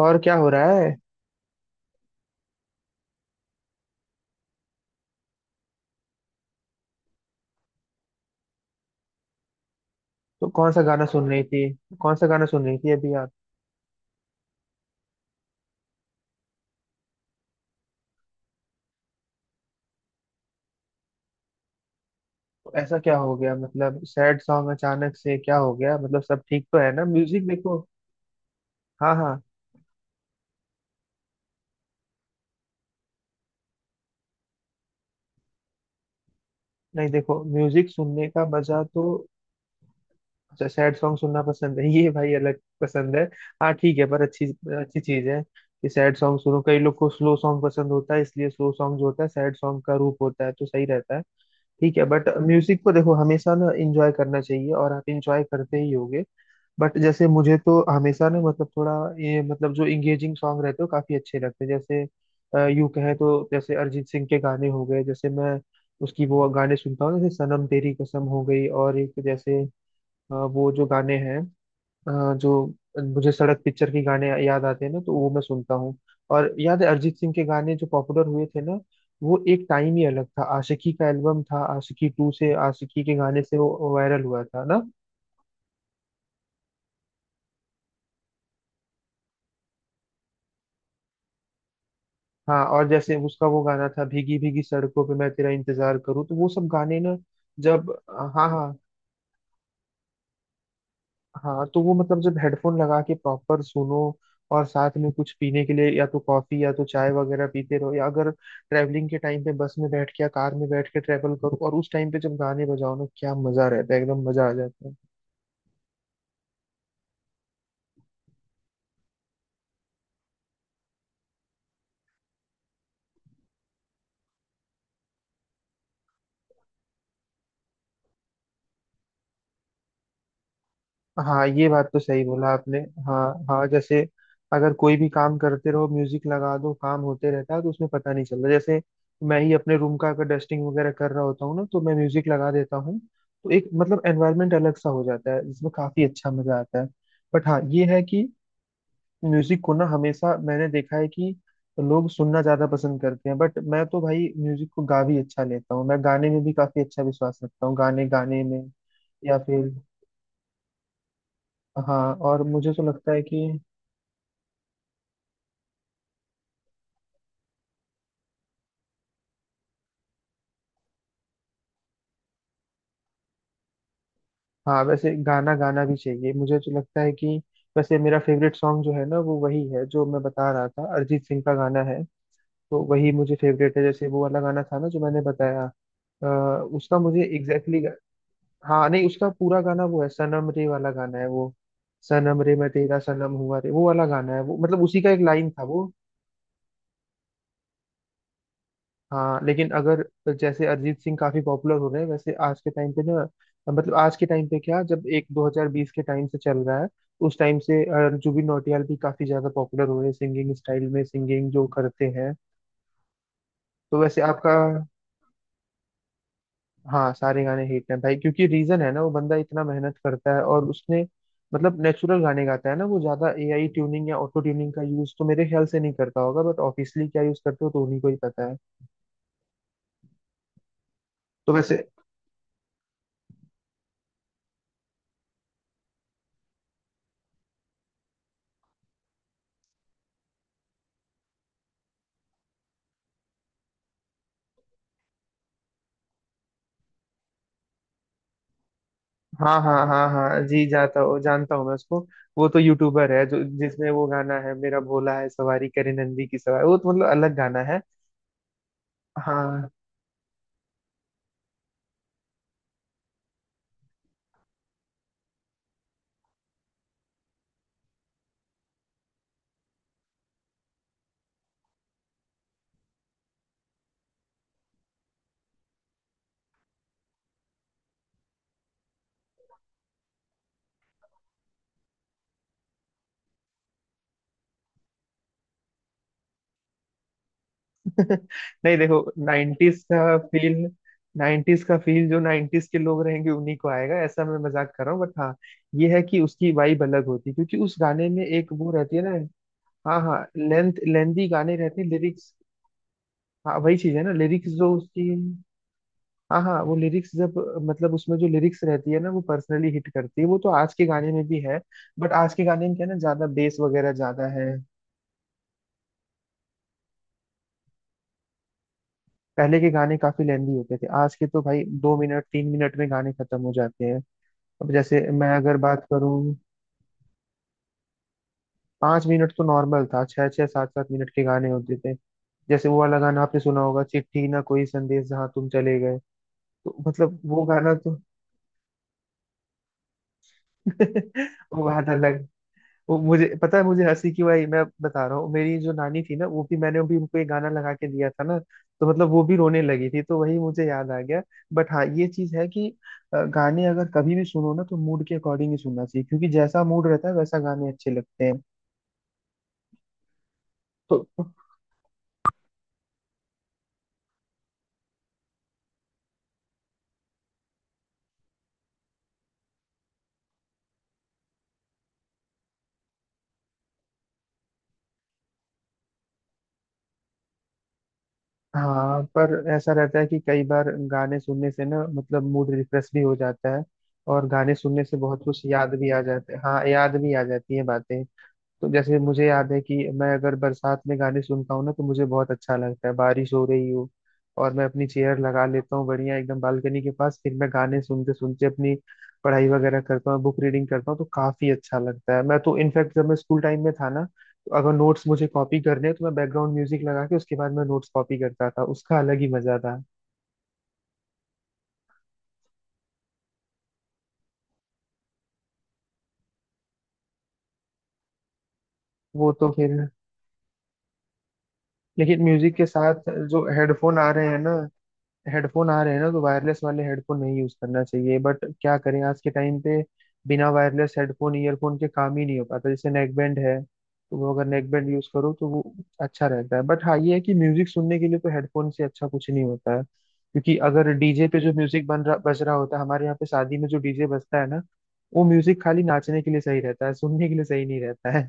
और क्या हो रहा है। तो कौन सा गाना सुन रही थी? कौन सा गाना सुन रही थी अभी आप? तो ऐसा क्या हो गया, मतलब सैड सॉन्ग अचानक से क्या हो गया, मतलब सब ठीक तो है ना? म्यूजिक देखो। हाँ हाँ। नहीं देखो, म्यूजिक सुनने का मजा तो सैड सॉन्ग सुनना पसंद है। ये भाई अलग पसंद है। हाँ ठीक है पर अच्छी अच्छी चीज है कि सैड सॉन्ग सुनो। कई लोग को स्लो सॉन्ग पसंद होता है, इसलिए स्लो सॉन्ग जो होता है सैड सॉन्ग का रूप होता है, तो सही रहता है। ठीक है बट म्यूजिक को देखो हमेशा ना इंजॉय करना चाहिए और आप इंजॉय करते ही होगे। बट जैसे मुझे तो हमेशा ना, मतलब थोड़ा ये, मतलब जो इंगेजिंग सॉन्ग रहते हो काफी अच्छे लगते हैं। जैसे यूं कहे तो, जैसे अरिजीत सिंह के गाने हो गए, जैसे मैं उसकी वो गाने सुनता हूँ, जैसे सनम तेरी कसम हो गई, और एक जैसे वो जो गाने हैं, जो मुझे सड़क पिक्चर के गाने याद आते हैं ना, तो वो मैं सुनता हूँ। और याद है अरिजीत सिंह के गाने जो पॉपुलर हुए थे ना, वो एक टाइम ही अलग था। आशिकी का एल्बम था, आशिकी टू से आशिकी के गाने से वो वायरल हुआ था ना। हाँ, और जैसे उसका वो गाना था, भीगी भीगी सड़कों पे मैं तेरा इंतजार करूँ, तो वो सब गाने ना, जब हाँ हाँ हाँ, तो वो मतलब जब हेडफोन लगा के प्रॉपर सुनो और साथ में कुछ पीने के लिए या तो कॉफी या तो चाय वगैरह पीते रहो, या अगर ट्रैवलिंग के टाइम पे बस में बैठ के या कार में बैठ के ट्रैवल करो और उस टाइम पे जब गाने बजाओ ना, क्या मजा रहता है, एकदम मजा आ जाता है। हाँ ये बात तो सही बोला आपने। हाँ हाँ, जैसे अगर कोई भी काम करते रहो म्यूजिक लगा दो, काम होते रहता है तो उसमें पता नहीं चलता। जैसे मैं ही अपने रूम का अगर डस्टिंग वगैरह कर रहा होता हूँ ना, तो मैं म्यूजिक लगा देता हूँ, तो एक मतलब एनवायरनमेंट अलग सा हो जाता है जिसमें काफी अच्छा मजा आता है। बट हाँ ये है कि म्यूजिक को ना हमेशा मैंने देखा है कि लोग सुनना ज्यादा पसंद करते हैं, बट मैं तो भाई म्यूजिक को गा भी अच्छा लेता हूँ। मैं गाने में भी काफी अच्छा विश्वास रखता हूँ, गाने गाने में। या फिर हाँ, और मुझे तो लगता है कि हाँ वैसे गाना गाना भी चाहिए, मुझे तो लगता है कि वैसे मेरा फेवरेट सॉन्ग जो है ना वो वही है जो मैं बता रहा था, अरिजीत सिंह का गाना है। तो वही मुझे फेवरेट है, जैसे वो वाला गाना था ना जो मैंने बताया, अ, उसका मुझे एग्जैक्टली, हाँ नहीं, उसका पूरा गाना वो है, सनम रे वाला गाना है वो। सनम रे मैं तेरा सनम हुआ रे, वो वाला गाना है वो, मतलब उसी का एक लाइन था वो। हाँ लेकिन अगर जैसे अरिजीत सिंह काफी पॉपुलर हो रहे हैं, वैसे आज के टाइम पे ना, मतलब आज के टाइम पे क्या, जब एक 2020 के टाइम से चल रहा है, उस टाइम से जुबिन नौटियाल भी काफी ज्यादा पॉपुलर हो रहे हैं, सिंगिंग स्टाइल में, सिंगिंग जो करते हैं। तो वैसे आपका हाँ सारे गाने हिट हैं भाई, क्योंकि रीजन है ना, वो बंदा इतना मेहनत करता है, और उसने मतलब नेचुरल गाने गाता है ना, वो ज्यादा एआई ट्यूनिंग या ऑटो ट्यूनिंग का यूज तो मेरे ख्याल से नहीं करता होगा, बट ऑफिशियली क्या यूज करते हो तो उन्हीं को ही पता है। तो वैसे हाँ हाँ हाँ हाँ, जी जाता हूँ, जानता हूँ मैं उसको। वो तो यूट्यूबर है, जो जिसमें वो गाना है मेरा भोला है सवारी करे नंदी की सवारी, वो तो मतलब अलग गाना है। हाँ। नहीं देखो, नाइन्टीज का फील, नाइन्टीज का फील जो नाइन्टीज के लोग रहेंगे उन्हीं को आएगा, ऐसा मैं मजाक कर रहा हूँ। बट हाँ ये है कि उसकी वाइब अलग होती है, क्योंकि उस गाने में एक वो रहती है ना। हाँ हाँ, लेंथ लेंदी गाने रहते हैं, लिरिक्स। हाँ वही चीज है ना लिरिक्स, जो उसकी हाँ हाँ वो लिरिक्स, जब मतलब उसमें जो लिरिक्स रहती है ना, वो पर्सनली हिट करती है, वो तो आज के गाने में भी है। बट आज के गाने में क्या है ना, ज्यादा बेस वगैरह ज्यादा है। पहले के गाने काफी लेंदी होते थे, आज के तो भाई 2 मिनट 3 मिनट में गाने खत्म हो जाते हैं। अब जैसे मैं अगर बात करूँ, 5 मिनट तो नॉर्मल था, छह छह सात सात मिनट के गाने होते थे। जैसे वो वाला गाना आपने सुना होगा, चिट्ठी ना कोई संदेश जहाँ तुम चले गए, तो मतलब वो गाना तो वो गाना अलग। वो मुझे पता है मुझे हंसी क्यों आई, मैं बता रहा हूँ। मेरी जो नानी थी ना, वो भी, मैंने भी उनको ये गाना लगा के दिया था ना, तो मतलब वो भी रोने लगी थी, तो वही मुझे याद आ गया। बट हाँ ये चीज है कि गाने अगर कभी भी सुनो ना, तो मूड के अकॉर्डिंग ही सुनना चाहिए, क्योंकि जैसा मूड रहता है वैसा गाने अच्छे लगते हैं। तो हाँ पर ऐसा रहता है कि कई बार गाने सुनने से ना, मतलब मूड रिफ्रेश भी हो जाता है, और गाने सुनने से बहुत कुछ याद भी आ जाता है, हाँ याद भी आ जाती है बातें। तो जैसे मुझे याद है कि मैं अगर बरसात में गाने सुनता हूँ ना, तो मुझे बहुत अच्छा लगता है, बारिश हो रही हो और मैं अपनी चेयर लगा लेता हूँ बढ़िया एकदम बालकनी के पास, फिर मैं गाने सुनते सुनते अपनी पढ़ाई वगैरह करता हूँ, बुक रीडिंग करता हूँ, तो काफी अच्छा लगता है। मैं तो इनफैक्ट जब मैं स्कूल टाइम में था ना, तो अगर नोट्स मुझे कॉपी करने हैं, तो मैं बैकग्राउंड म्यूजिक लगा के उसके बाद मैं नोट्स कॉपी करता था, उसका अलग ही मजा था। वो तो फिर लेकिन म्यूजिक के साथ जो हेडफोन आ रहे हैं ना, तो वायरलेस वाले हेडफोन नहीं यूज करना चाहिए, बट क्या करें आज के टाइम पे बिना वायरलेस हेडफोन ईयरफोन के काम ही नहीं हो पाता। जैसे नेक बैंड है, तो वो अगर नेक बैंड यूज करो तो वो अच्छा रहता है। बट हाँ ये है कि म्यूजिक सुनने के लिए तो हेडफोन से अच्छा कुछ नहीं होता है, क्योंकि अगर डीजे पे जो म्यूजिक बन रहा बज रहा होता है, हमारे यहाँ पे शादी में जो डीजे बजता है ना, वो म्यूजिक खाली नाचने के लिए सही रहता है, सुनने के लिए सही नहीं रहता है।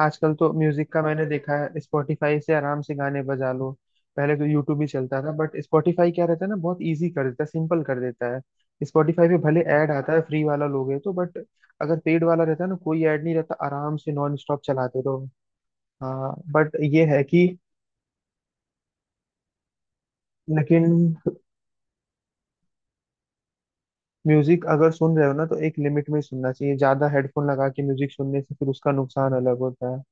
आजकल तो म्यूजिक का मैंने देखा है स्पॉटिफाई से आराम से गाने बजा लो। पहले तो यूट्यूब ही चलता था, बट स्पॉटिफाई क्या रहता है ना, बहुत इजी कर देता है, सिंपल कर देता है। स्पॉटिफाई पे भले ऐड आता है फ्री वाला लोगे तो, बट अगर पेड वाला रहता है ना, कोई ऐड नहीं रहता, आराम से नॉन स्टॉप चलाते रहो। हाँ बट ये है कि लेकिन म्यूजिक अगर सुन रहे हो ना, तो एक लिमिट में ही सुनना चाहिए, ज्यादा हेडफोन लगा के म्यूजिक सुनने से फिर उसका नुकसान अलग होता है।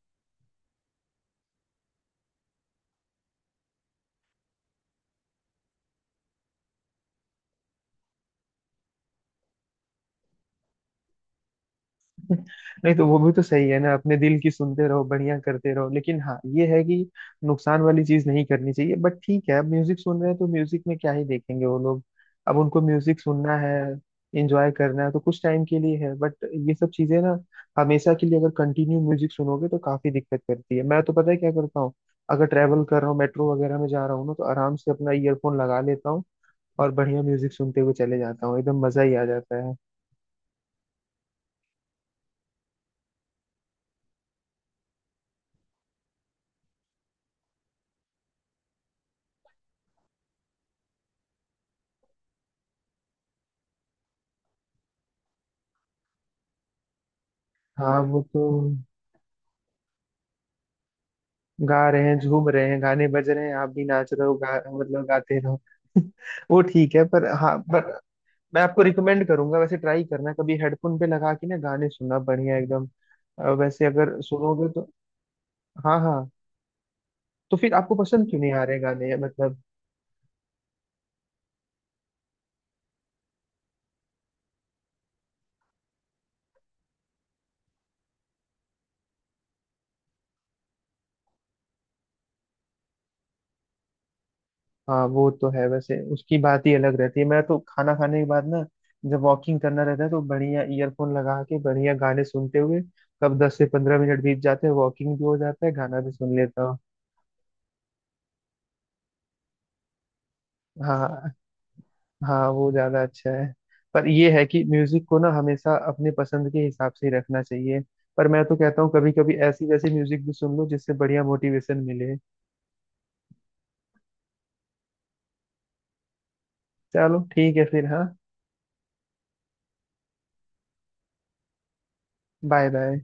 नहीं तो वो भी तो सही है ना, अपने दिल की सुनते रहो, बढ़िया करते रहो, लेकिन हाँ ये है कि नुकसान वाली चीज नहीं करनी चाहिए। बट ठीक है, अब म्यूजिक सुन रहे हैं तो म्यूजिक में क्या ही देखेंगे वो लोग, अब उनको म्यूजिक सुनना है, एंजॉय करना है, तो कुछ टाइम के लिए है। बट ये सब चीजें ना हमेशा के लिए अगर कंटिन्यू म्यूजिक सुनोगे तो काफी दिक्कत करती है। मैं तो पता है क्या करता हूँ, अगर ट्रैवल कर रहा हूँ मेट्रो वगैरह में जा रहा हूँ ना, तो आराम से अपना ईयरफोन लगा लेता हूँ और बढ़िया म्यूजिक सुनते हुए चले जाता हूँ, एकदम मजा ही आ जाता है। हाँ वो तो गा रहे हैं, झूम रहे हैं, गाने बज रहे हैं, आप भी नाच रहे हो, गा मतलब गाते रहो। वो ठीक है पर हाँ पर मैं आपको रिकमेंड करूंगा, वैसे ट्राई करना कभी हेडफोन पे लगा के ना गाने सुनना, बढ़िया एकदम। वैसे अगर सुनोगे तो हाँ हाँ। तो फिर आपको पसंद क्यों नहीं आ रहे गाने, मतलब हाँ वो तो है, वैसे उसकी बात ही अलग रहती है। मैं तो खाना खाने के बाद ना, जब वॉकिंग करना रहता है तो बढ़िया ईयरफोन लगा के बढ़िया गाने सुनते हुए कब 10 से 15 मिनट बीत जाते हैं, वॉकिंग भी हो जाता है गाना भी सुन लेता हूँ। हाँ हाँ। हाँ वो ज्यादा अच्छा है पर ये है कि म्यूजिक को ना हमेशा अपने पसंद के हिसाब से ही रखना चाहिए। पर मैं तो कहता हूँ कभी कभी ऐसी वैसी म्यूजिक भी सुन लो जिससे बढ़िया मोटिवेशन मिले। चलो ठीक है फिर हाँ। Bye bye.